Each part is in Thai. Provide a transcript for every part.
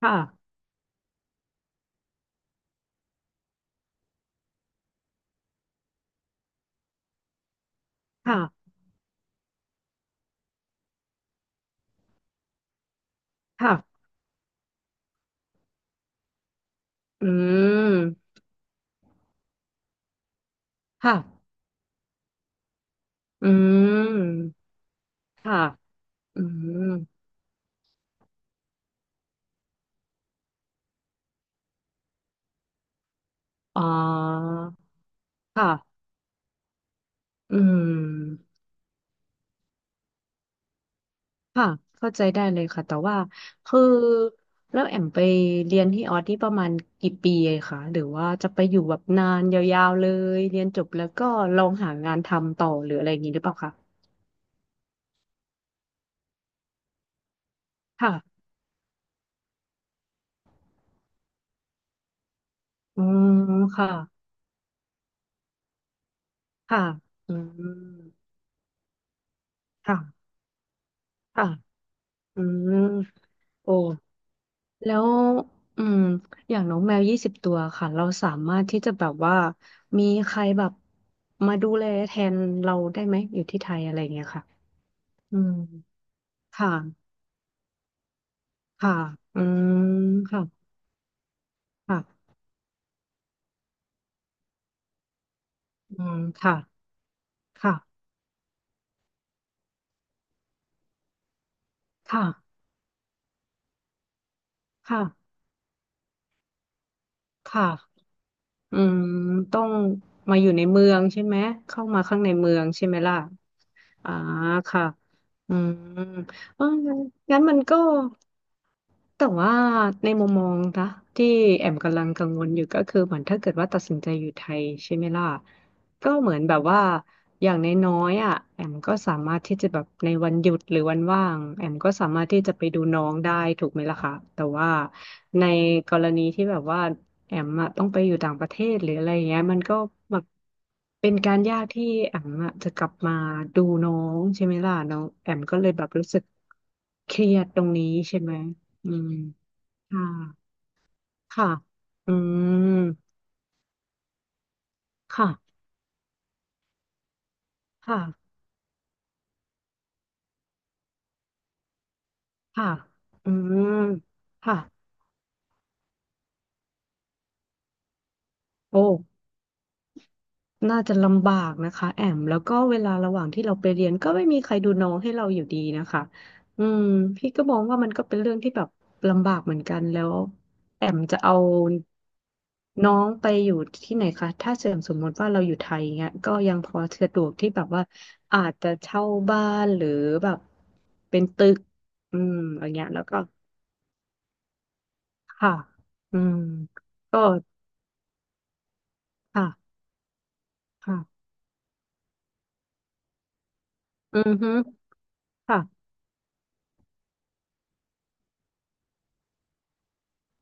ค่ะค่ะค่ะอืมค่ะอืมค่ะอืมอ๋อค่ะอืมค่ะเข้าใจได้เลยค่ะแต่ว่าคือแล้วแอมไปเรียนที่ออสนี่ประมาณกี่ปีอคะหรือว่าจะไปอยู่แบบนานยาวๆเลยเรียนจบแล้วก็ลองหางานทำต่อหรืออะไรอย่างนี้หรือเปล่าคะค่ะอืมค่ะค่ะอืมค่ะค่ะอืมโอ้ แล้วอืมอย่างน้องแมว20 ตัวค่ะเราสามารถที่จะแบบว่ามีใครแบบมาดูแลแทนเราได้ไหมอยู่ที่ไทยอะไรอย่างเงี้ยค่ะอืมค่ะค่ะอืมค่ะค่ะอืมค่ะค่ะค่ะค่ะค่ะอืมต้องมาอยู่ในเมืองใช่ไหมเข้ามาข้างในเมืองใช่ไหมล่ะอ่าค่ะอืมเอองั้นมันก็ แต่ว่าในมุมมองนะที่แอมกำลังกังวลอยู่ก็คือเหมือนถ้าเกิดว่าตัดสินใจอยู่ไทยใช่ไหมล่ะก็เหมือนแบบว่าอย่างน้อยๆอ่ะแอมก็สามารถที่จะแบบในวันหยุดหรือวันว่างแอมก็สามารถที่จะไปดูน้องได้ถูกไหมล่ะคะแต่ว่าในกรณีที่แบบว่าแอมอะต้องไปอยู่ต่างประเทศหรืออะไรอย่างเงี้ยมันก็แบบเป็นการยากที่แอมอะจะกลับมาดูน้องใช่ไหมล่ะน้องแอมก็เลยแบบรู้สึกเครียดตรงนี้ใช่ไหม อืมค่ะค่ะอืมค่ะค่ะค่ะอืมค่ะโอ้ น่าจะลำบากนะคะแอมแล้วก็เวลาระหว่างที่เราไปเรียนก็ไม่มีใครดูน้องให้เราอยู่ดีนะคะอืมพี่ก็มองว่ามันก็เป็นเรื่องที่แบบลำบากเหมือนกันแล้วแอมจะเอาน้องไปอยู่ที่ไหนคะถ้าเสมสมมติว่าเราอยู่ไทยเงี้ยก็ยังพอสะดวกที่แบบว่าอาจจะเช่าบ้านหรือแบบเป็นตึกอืมอย่างเงี้ยแล้วก็ค่ะอืมก็ค่ะค่ะอือฮึค่ะ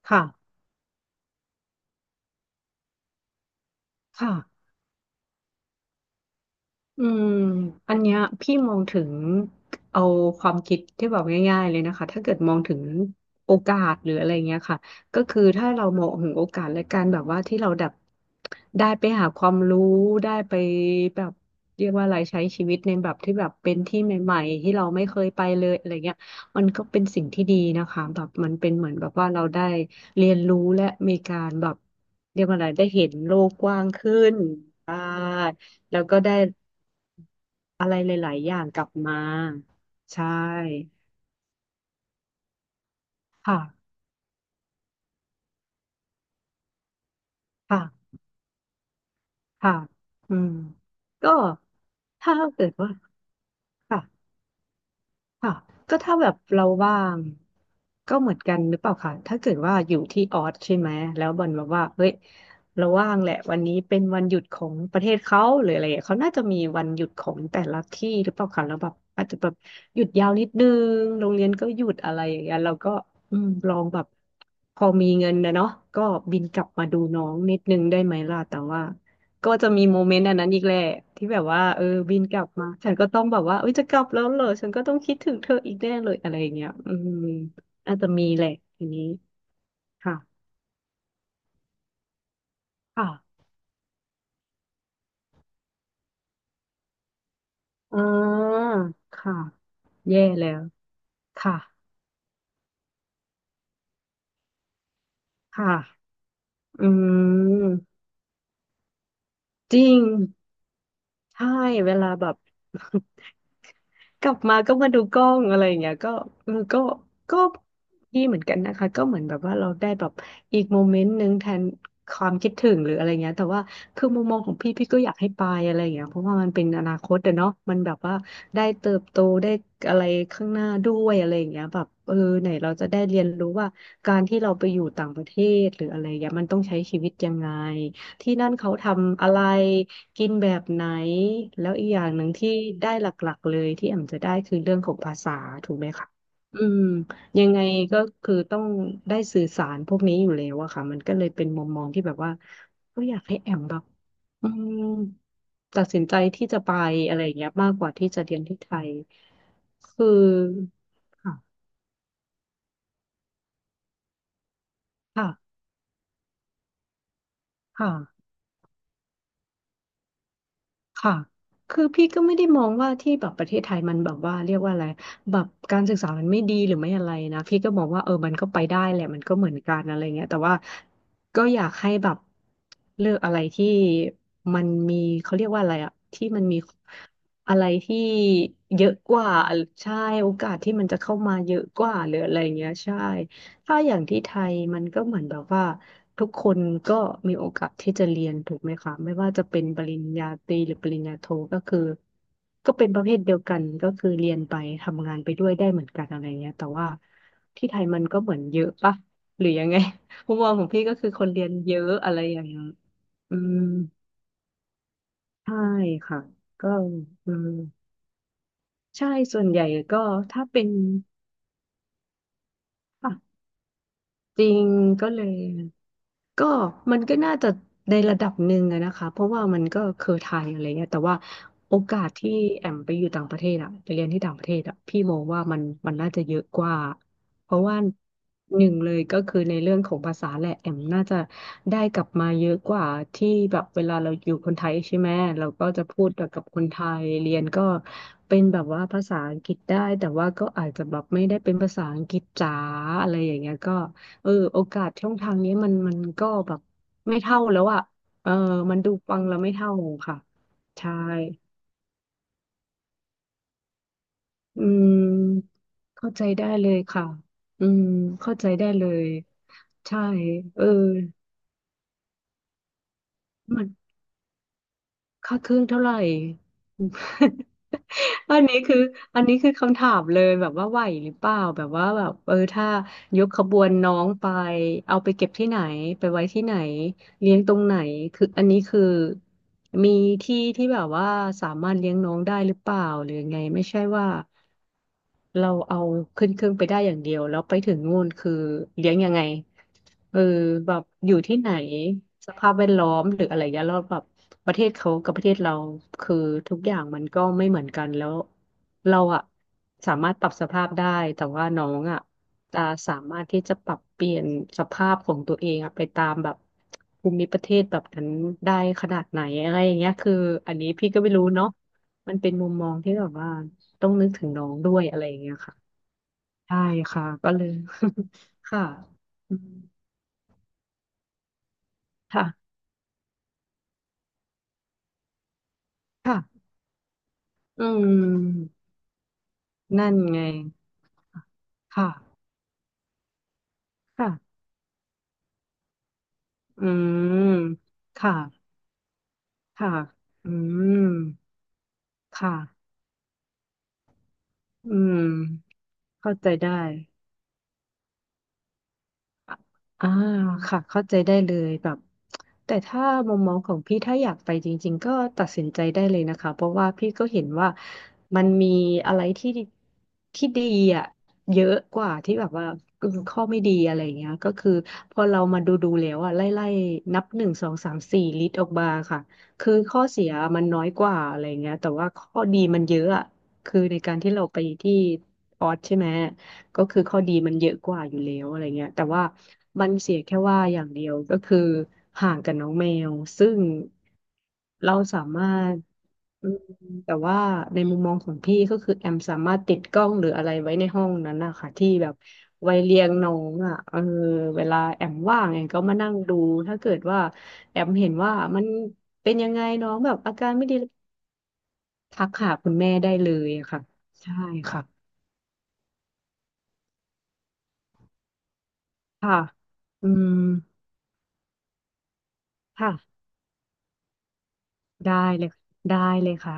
ค่ะค่ะ อืมอันเนี้ยพี่มองถึงเอาความคิดที่แบบง่ายๆเลยนะคะถ้าเกิดมองถึงโอกาสหรืออะไรเงี้ยค่ะก็คือถ้าเรามองถึงโอกาสและการแบบว่าที่เราแบบได้ไปหาความรู้ได้ไปแบบเรียกว่าอะไรใช้ชีวิตในแบบที่แบบเป็นที่ใหม่ๆที่เราไม่เคยไปเลยอะไรเงี้ยมันก็เป็นสิ่งที่ดีนะคะแบบมันเป็นเหมือนแบบว่าเราได้เรียนรู้และมีการแบบเรียกว่าอะไรได้เห็นโลกกว้างขึ้นอ่ แล้วก็ได้อะไรหลายๆอย่างกลับมาใช่ค่ะค่ะค่ะอืมก็ถ้าเกิดว่าค่ะ ค่ะก็ถ้าแบบเราว่างก็เหมือนกันหรือเปล่าคะถ้าเกิดว่าอยู่ที่ออสใช่ไหมแล้วบอลแบบว่าเฮ้ยเราว่างแหละวันนี้เป็นวันหยุดของประเทศเขาหรืออะไรอย่างเงี้ยเขาน่าจะมีวันหยุดของแต่ละที่หรือเปล่าคะแล้วแบบอาจจะแบบหยุดยาวนิดนึงโรงเรียนก็หยุดอะไรอย่างเงี้ยเราก็ลองแบบพอมีเงินนะเนาะก็บินกลับมาดูน้องนิดนึงได้ไหมล่ะแต่ว่า ก็จะมีโมเมนต์อันนั้นอีกแหละที่แบบว่าเออบินกลับมาฉันก็ต้องแบบว่าเอ้ยจะกลับแล้วเหรอฉันก็ต้องคิดถึงเธออีกแน่เลยอะไรอย่างเงี้ยอืมอาจจะมีแหละทีนี้ค่ะค่ะอ่าค่ะแย่แล้วค่ะค่ะอืมจริงใช่เวลาแบบ กลับมาก็มาดูกล้องอะไรอย่างเงี้ยก็เออก็ดีเหมือนกันนะคะก็เหมือนแบบว่าเราได้แบบอีกโมเมนต์หนึ่งแทนความคิดถึงหรืออะไรเงี้ยแต่ว่าคือมุมมองของพี่พี่ก็อยากให้ไปอะไรอย่างเงี้ยเพราะว่ามันเป็นอนาคตอะเนาะมันแบบว่าได้เติบโตได้อะไรข้างหน้าด้วยอะไรอย่างเงี้ยแบบเออไหนเราจะได้เรียนรู้ว่าการที่เราไปอยู่ต่างประเทศหรืออะไรเงี้ยมันต้องใช้ชีวิตยังไงที่นั่นเขาทำอะไร กินแบบไหนแล้วอีกอย่างหนึ่งที่ได้หลักๆเลยที่แอมจะได้คือเรื่องของภาษาถูกไหมคะอืมยังไงก็คือต้องได้สื่อสารพวกนี้อยู่แล้วอะค่ะมันก็เลยเป็นมุมมองที่แบบว่าก็อยากให้แอมแบบอืมตัดสินใจที่จะไปอะไรอย่างเงี้ยมากกว่าที่จะเรียนที่ไทยคือค่ะค่ะค่ะ ค่ะ คือพี่ก็ไม่ได้มองว่าที่แบบประเทศไทยมันแบบว่าเรียกว่าอะไรแบบการศึกษามันไม่ดีหรือไม่อะไรนะ พี่ก็มองว่ามันก็ไปได้แหละมันก็เหมือนกันอะไรเงี้ยแต่ว่าก็อยากให้แบบเลือกอะไรที่มันมีเขาเรียกว่าอะไรอะที่มันมีอะไรที่เยอะกว่าใช่โอกาสที่มันจะเข้ามาเยอะกว่าหรืออะไรเงี้ยใช่ถ้าอย่างที่ไทยมันก็เหมือนแบบว่า ทุกคนก็มีโอกาสที่จะเรียนถูกไหมคะไม่ว่าจะเป็นปริญญาตรีหรือปริญญาโทก็คือก็เป็นประเภทเดียวกันก็คือเรียนไปทำงานไปด้วยได้เหมือนกันอะไรเงี้ยแต่ว่าที่ไทยมันก็เหมือนเยอะปะหรือยังไง มุมมองของพี่ก็คือคนเรียนเยอะอะไรอย่างเงี้ยอืมใช่ค่ะก็อืมใช่ส่วนใหญ่ก็ถ้าเป็นอ่ะจริงก็เลย ก็มันก็น่าจะในระดับหนึ่งอะนะคะเพราะว่ามันก็เคยไทยอะไรเงี้ยแต่ว่าโอกาสที่แอมไปอยู่ต่างประเทศอะไปเรียนที่ต่างประเทศอะพี่มองว่ามันน่าจะเยอะกว่าเพราะว่าหนึ่งเลยก็คือในเรื่องของภาษาแหละแอมน่าจะได้กลับมาเยอะกว่าที่แบบเวลาเราอยู่คนไทยใช่ไหมเราก็จะพูดกับคนไทยเรียนก็เป็นแบบว่าภาษาอังกฤษได้แต่ว่าก็อาจจะแบบไม่ได้เป็นภาษาอังกฤษจ๋าอะไรอย่างเงี้ยก็ โอกาสช่องทางนี้มันก็แบบไม่เท่าแล้วอ่ะเออมันดูฟังแล้วไม่เท่าค่ะใช่อืมเข้าใจได้เลยค่ะอืมเข้าใจได้เลยใช่เออมัน ค่าเครื่องเท่าไหร่ อันนี้คืออันนี้คือคำถามเลยแบบว่าไหวหรือเปล่าแบบว่าแบบถ้ายกขบวนน้องไปเอาไปเก็บที่ไหนไปไว้ที่ไหนเลี้ยงตรงไหนคืออันนี้คือมีที่ที่แบบว่าสามารถเลี้ยงน้องได้หรือเปล่าหรือยังไงไม่ใช่ว่า เราเอาขึ้นเครื่องไปได้อย่างเดียวแล้วไปถึงนู่นคือเลี้ยงยังไงเออแบบอยู่ที่ไหนสภาพแวดล้อมหรืออะไรเงี้ยแล้วแบบประเทศเขากับประเทศเราคือทุกอย่างมันก็ไม่เหมือนกันแล้วเราอะสามารถปรับสภาพได้แต่ว่าน้องอะจะสามารถที่จะปรับเปลี่ยนสภาพของตัวเองอะไปตามแบบภูมิประเทศแบบนั้นได้ขนาดไหนอะไรอย่างเงี้ยคืออันนี้พี่ก็ไม่รู้เนาะมันเป็นมุมมองที่แบบว่า ต้องนึกถึงน้องด้วยอะไรอย่างเงี้ยค่ะใช่ค่ะก็เลย ค่ะอืมค่ะค่ะอืมนั่นไงค่ะค่ะอืมค่ะค่ะอืมค่ะอืมเข้าใจได้ อ่าค่ะเข้าใจได้เลยแบบแต่ถ้ามองของพี่ถ้าอยากไปจริงๆก็ตัดสินใจได้เลยนะคะเพราะว่าพี่ก็เห็นว่ามันมีอะไรที่ที่ดีอ่ะเยอะกว่าที่แบบว่าข้อไม่ดีอะไรอย่างเงี้ยก็คือพอเรามาดูแล้วอ่ะไล่นับ1 2 3 4ลิตรออกมาค่ะคือข้อเสียมันน้อยกว่าอะไรอย่างเงี้ยแต่ว่าข้อดีมันเยอะอ่ะคือในการที่เราไปที่ออสใช่ไหม ก็คือข้อดีมันเยอะกว่าอยู่แล้วอะไรเงี้ยแต่ว่ามันเสียแค่ว่าอย่างเดียวก็คือห่างกับน้องแมวซึ่งเราสามารถอืมแต่ว่าในมุมมองของพี่ก็คือแอมสามารถติดกล้องหรืออะไรไว้ในห้องนั้นนะคะที่แบบไว้เลี้ยงน้องอ่ะเออเวลาแอมว่างแอมก็มานั่งดูถ้าเกิดว่าแอมเห็นว่ามันเป็นยังไงน้องแบบอาการไม่ดีทักหาคุณแม่ได้เลยอะค่ะใช่ค่ะค่ะอืมค่ะ ได้เลยได้เลยค่ะ